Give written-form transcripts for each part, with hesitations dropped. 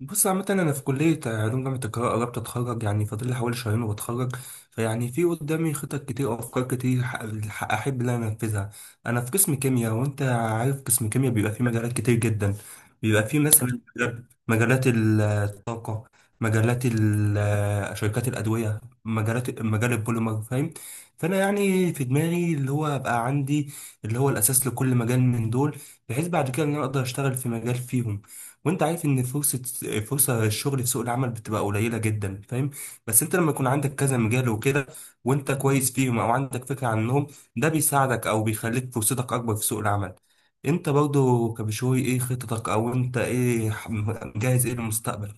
بص، عامة أنا في كلية علوم جامعة القاهرة قربت أتخرج، يعني فاضل لي حوالي شهرين وبتخرج. فيعني في قدامي خطط كتير وأفكار كتير أحب إن أنا أنفذها. أنا في قسم كيمياء، وأنت عارف قسم كيمياء بيبقى فيه مجالات كتير جدا. بيبقى فيه مثلا مجالات الطاقة، مجالات شركات الأدوية، مجال البوليمر، فاهم؟ فأنا يعني في دماغي اللي هو أبقى عندي اللي هو الأساس لكل مجال من دول، بحيث بعد كده إن أنا أقدر أشتغل في مجال فيهم. وانت عارف ان فرصة الشغل في سوق العمل بتبقى قليلة جدا، فاهم؟ بس انت لما يكون عندك كذا مجال وكده، وانت كويس فيهم او عندك فكرة عنهم، ده بيساعدك او بيخليك فرصتك اكبر في سوق العمل. انت برضو كبشوي، ايه خططك، او انت ايه مجهز ايه للمستقبل؟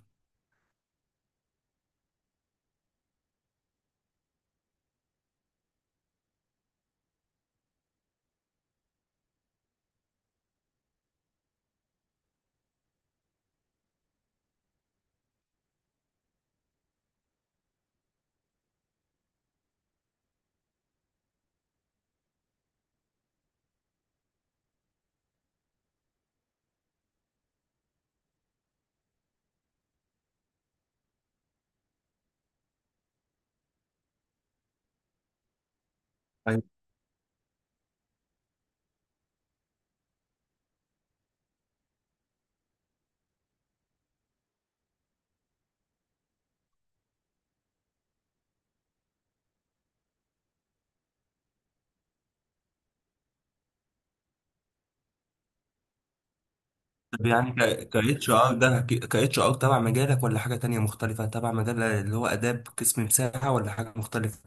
أيوة. طب يعني ك اتش ار ده ك اتش ار تبع مجالك ولا حاجة تانية مختلفة تبع مجال اللي هو اداب قسم مساحة، ولا حاجة مختلفة؟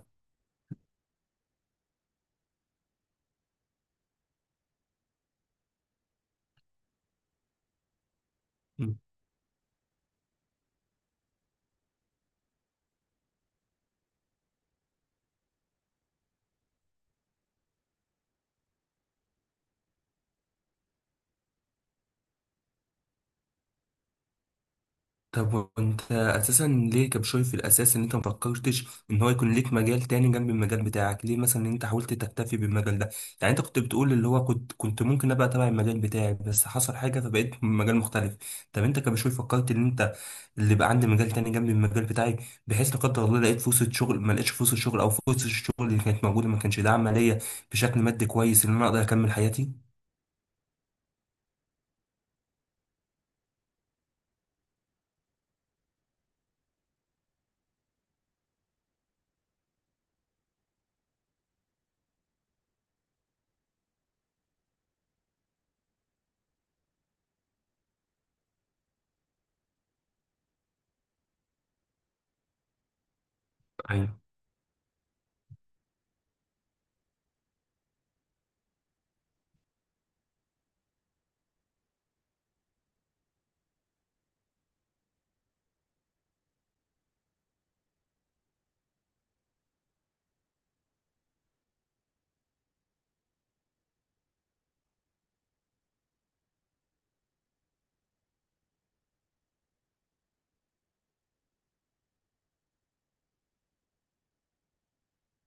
طب وانت اساسا ليه كان شايف في الاساس ان انت مفكرتش ان هو يكون ليك مجال تاني جنب المجال بتاعك؟ ليه مثلا انت حاولت تكتفي بالمجال ده؟ يعني انت كنت بتقول اللي هو كنت ممكن ابقى تبع المجال بتاعي بس حصل حاجه فبقيت في مجال مختلف. طب انت كان شايف، فكرت ان انت اللي بقى عندي مجال تاني جنب المجال بتاعي، بحيث لا قدر الله لقيت فرصه شغل، ما لقيتش فرصه شغل او فرصه الشغل اللي كانت موجوده ما كانش داعمه ليا بشكل مادي كويس ان انا اقدر اكمل حياتي. ايوه،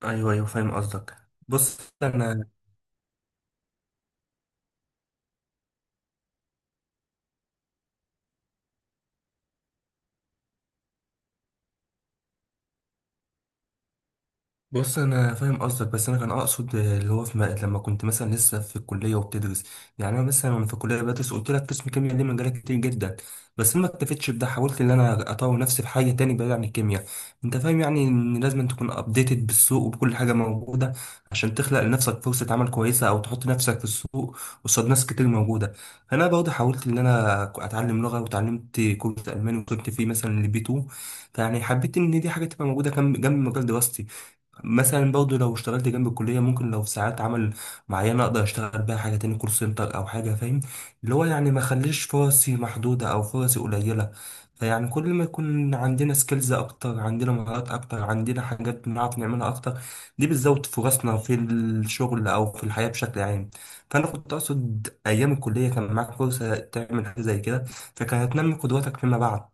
ايوه، ايوه، فاهم قصدك. بص انا بص انا فاهم قصدك، بس انا كان اقصد اللي هو في لما كنت مثلا لسه في الكليه وبتدرس. يعني انا مثلا وانا في الكليه بدرس، قلت لك قسم كيمياء ليه مجالات كتير جدا، بس انا ما اكتفيتش بده، حاولت ان انا اطور نفسي في حاجه تاني بعيد عن الكيمياء. انت فاهم يعني، ان لازم أن تكون ابديتد بالسوق وبكل حاجه موجوده عشان تخلق لنفسك فرصه عمل كويسه او تحط نفسك في السوق قصاد ناس كتير موجوده. فانا برضه حاولت ان انا اتعلم لغه، وتعلمت كورس الماني وكنت فيه مثلا لبي 2. فيعني حبيت ان دي حاجه تبقى موجوده جنب جنب مجال دراستي. مثلا برضه لو اشتغلت جنب الكلية، ممكن لو في ساعات عمل معينة أقدر أشتغل بيها حاجة تاني، كول سنتر أو حاجة، فاهم؟ اللي هو يعني ما خليش فرصي محدودة أو فرصي قليلة. فيعني كل ما يكون عندنا سكيلز أكتر، عندنا مهارات أكتر، عندنا حاجات بنعرف نعملها أكتر، دي بتزود فرصنا في الشغل أو في الحياة بشكل عام. فأنا كنت أقصد أيام الكلية كان معاك فرصة تعمل حاجة زي كده، فكانت هتنمي قدراتك فيما بعد.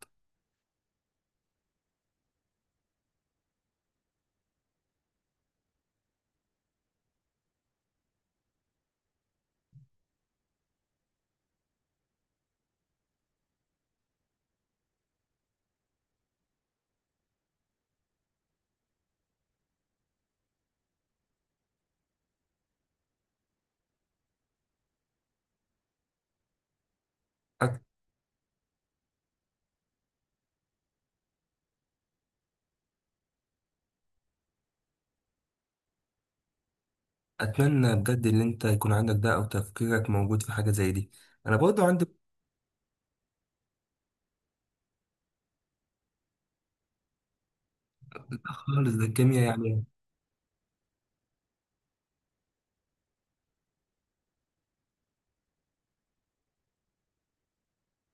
اتمنى بجد ان انت يكون عندك ده او تفكيرك موجود في حاجه زي دي. انا برضو عندي مشكلة خالص ده، الكيمياء يعني.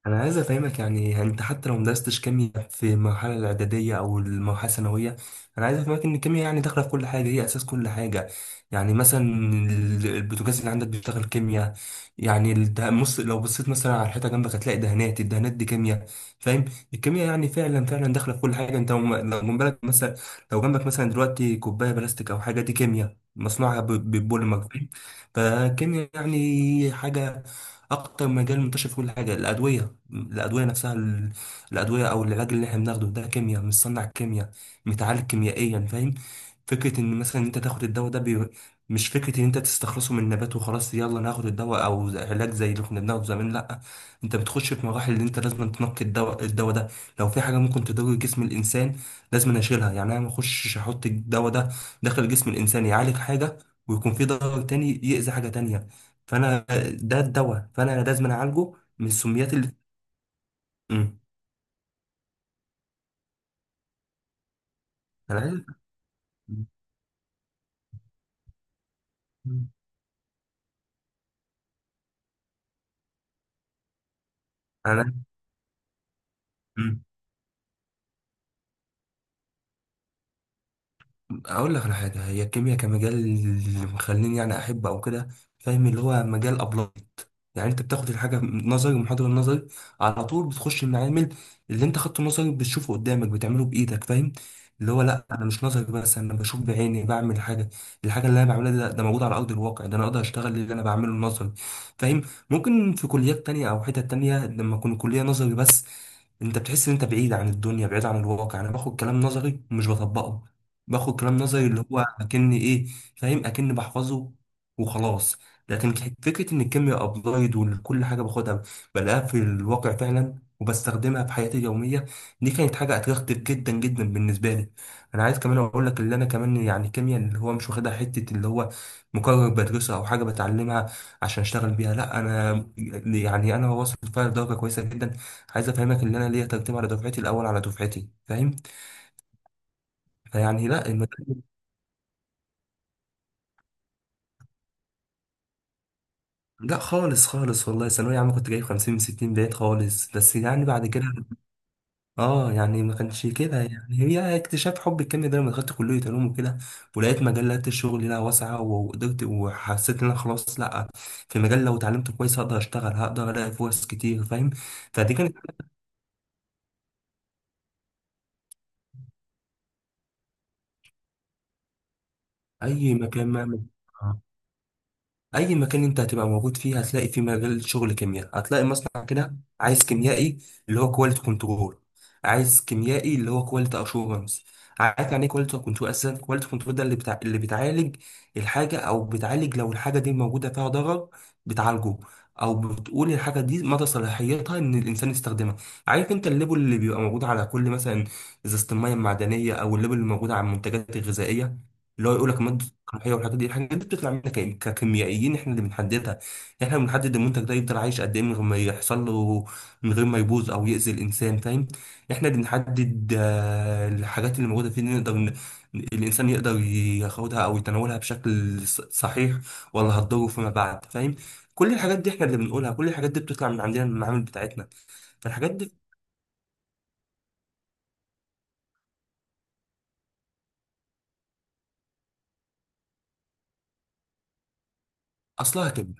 انا عايز افهمك يعني انت حتى لو مدرستش كيمياء في المرحله الاعداديه او المرحله الثانويه، انا عايز افهمك ان الكيمياء يعني داخله في كل حاجه، هي اساس كل حاجه. يعني مثلا البوتاجاز اللي عندك بيشتغل كيمياء. يعني لو بصيت مثلا على الحيطه جنبك، هتلاقي دهانات، الدهانات دي كيمياء، فاهم؟ الكيمياء يعني فعلا فعلا داخله في كل حاجه. انت لو جنبك مثلا لو جنبك مثلا دلوقتي كوبايه بلاستيك او حاجه، دي كيمياء مصنوعها ببوليمر، فاهم؟ فالكيمياء يعني حاجه اكتر مجال منتشر فيه الحاجه الادويه، الادويه نفسها الادويه او العلاج اللي احنا بناخده ده كيمياء، مصنع كيمياء، متعالج كيميائيا، يعني فاهم؟ فكره ان مثلا انت تاخد الدواء ده مش فكره ان انت تستخلصه من النبات وخلاص، يلا ناخد الدواء او علاج زي اللي كنا بناخده زمان، لا. انت بتخش في مراحل اللي انت لازم تنقي الدواء ده لو في حاجه ممكن تضر جسم الانسان، لازم اشيلها. يعني انا ما اخشش احط الدواء ده داخل جسم الانسان يعالج حاجه ويكون في ضرر تاني يأذي حاجة تانية. فانا ده الدواء، فانا لازم أنا اعالجه من السميات اللي. مم. انا عارف. مم. انا. مم. اقول لك على حاجه هي الكيمياء كمجال اللي مخليني يعني احب او كده، فاهم؟ اللي هو مجال ابلايد، يعني انت بتاخد الحاجه نظري ومحاضره نظري، على طول بتخش المعامل، اللي انت خدته نظري بتشوفه قدامك، بتعمله بايدك، فاهم؟ اللي هو لا انا مش نظري بس، انا بشوف بعيني، بعمل حاجه. الحاجه اللي انا بعملها ده موجود على ارض الواقع، ده انا اقدر اشتغل اللي انا بعمله نظري، فاهم؟ ممكن في كليات تانية او حتت تانية لما اكون كليه نظري بس، انت بتحس ان انت بعيد عن الدنيا، بعيد عن الواقع، انا باخد كلام نظري ومش بطبقه. باخد كلام نظري اللي هو اكني ايه، فاهم؟ اكني بحفظه وخلاص. لكن فكره ان الكيمياء ابلايد وكل حاجه باخدها بلاقيها في الواقع فعلا، وبستخدمها في حياتي اليوميه، دي كانت حاجه اتغيرت جدا جدا بالنسبه لي. انا عايز كمان اقول لك اللي انا كمان يعني الكيمياء اللي هو مش واخدها حته اللي هو مقرر بدرسها او حاجه بتعلمها عشان اشتغل بيها، لا، انا يعني انا واصل فيها لدرجه كويسه جدا. عايز افهمك ان انا ليا ترتيب على دفعتي، الاول على دفعتي، فاهم؟ فيعني لا. لا خالص خالص والله، ثانوية عامة كنت جايب 50 من 60، بعيد خالص، بس يعني بعد كده. اه يعني ما كانش كده، يعني هي اكتشاف حب الكيمياء ده لما دخلت كلية علوم وكده، ولقيت مجالات الشغل لها واسعة، وقدرت وحسيت ان انا خلاص لا، في مجال لو اتعلمت كويس هقدر اشتغل، هقدر الاقي فرص كتير، فاهم؟ فدي كانت اي مكان مهما، اي مكان انت هتبقى موجود فيه هتلاقي فيه مجال شغل كيمياء، هتلاقي مصنع كده عايز كيميائي اللي هو كواليتي كنترول، عايز كيميائي اللي هو كواليتي اشورنس. عارف يعني ايه كواليتي كنترول اصلا؟ كواليتي كنترول ده اللي بتاع اللي بتعالج الحاجه، او بتعالج لو الحاجه دي موجوده فيها ضرر بتعالجه، او بتقول الحاجه دي مدى صلاحيتها ان الانسان يستخدمها. عارف انت الليبل اللي بيبقى موجود على كل مثلا ازازه الميه المعدنيه، او الليبل اللي موجود على المنتجات الغذائيه، اللي هو يقول لك مادة القمحية والحاجات دي، الحاجات دي بتطلع منك ككيميائيين، احنا اللي بنحددها يعني. احنا اللي بنحدد المنتج ده يفضل عايش قد ايه من غير ما يحصل له، من غير ما يبوظ او يأذي الانسان، فاهم؟ احنا اللي بنحدد الحاجات اللي موجودة فيه، اللي نقدر الانسان يقدر ياخدها او يتناولها بشكل صحيح، ولا هتضره فيما بعد، فاهم؟ كل الحاجات دي احنا اللي بنقولها، كل الحاجات دي بتطلع من عندنا من المعامل بتاعتنا. فالحاجات دي اصلها كده،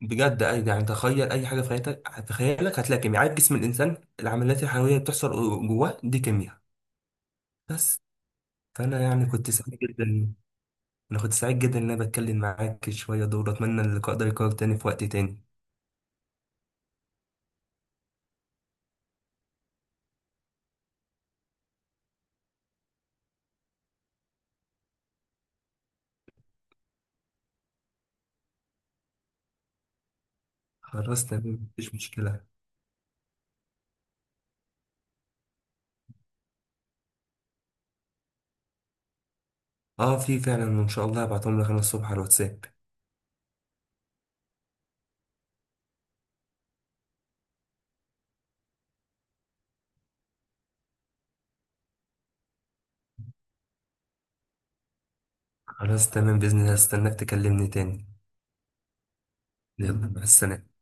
بجد. اي يعني تخيل اي حاجه في حياتك هتخيلك هتلاقي كيمياء. عارف جسم الانسان، العمليات الحيويه اللي بتحصل جواه دي كيمياء. بس. فانا يعني كنت سعيد جدا، انا كنت سعيد جدا ان انا بتكلم معاك شويه دول. اتمنى اللقاء ده يكرر تاني في وقت تاني. خلاص تمام مفيش مشكله. اه في فعلا ان شاء الله هبعتهم لك انا الصبح على الواتساب. خلاص تمام باذن الله، هستناك تكلمني تاني. يلا مع السلامه.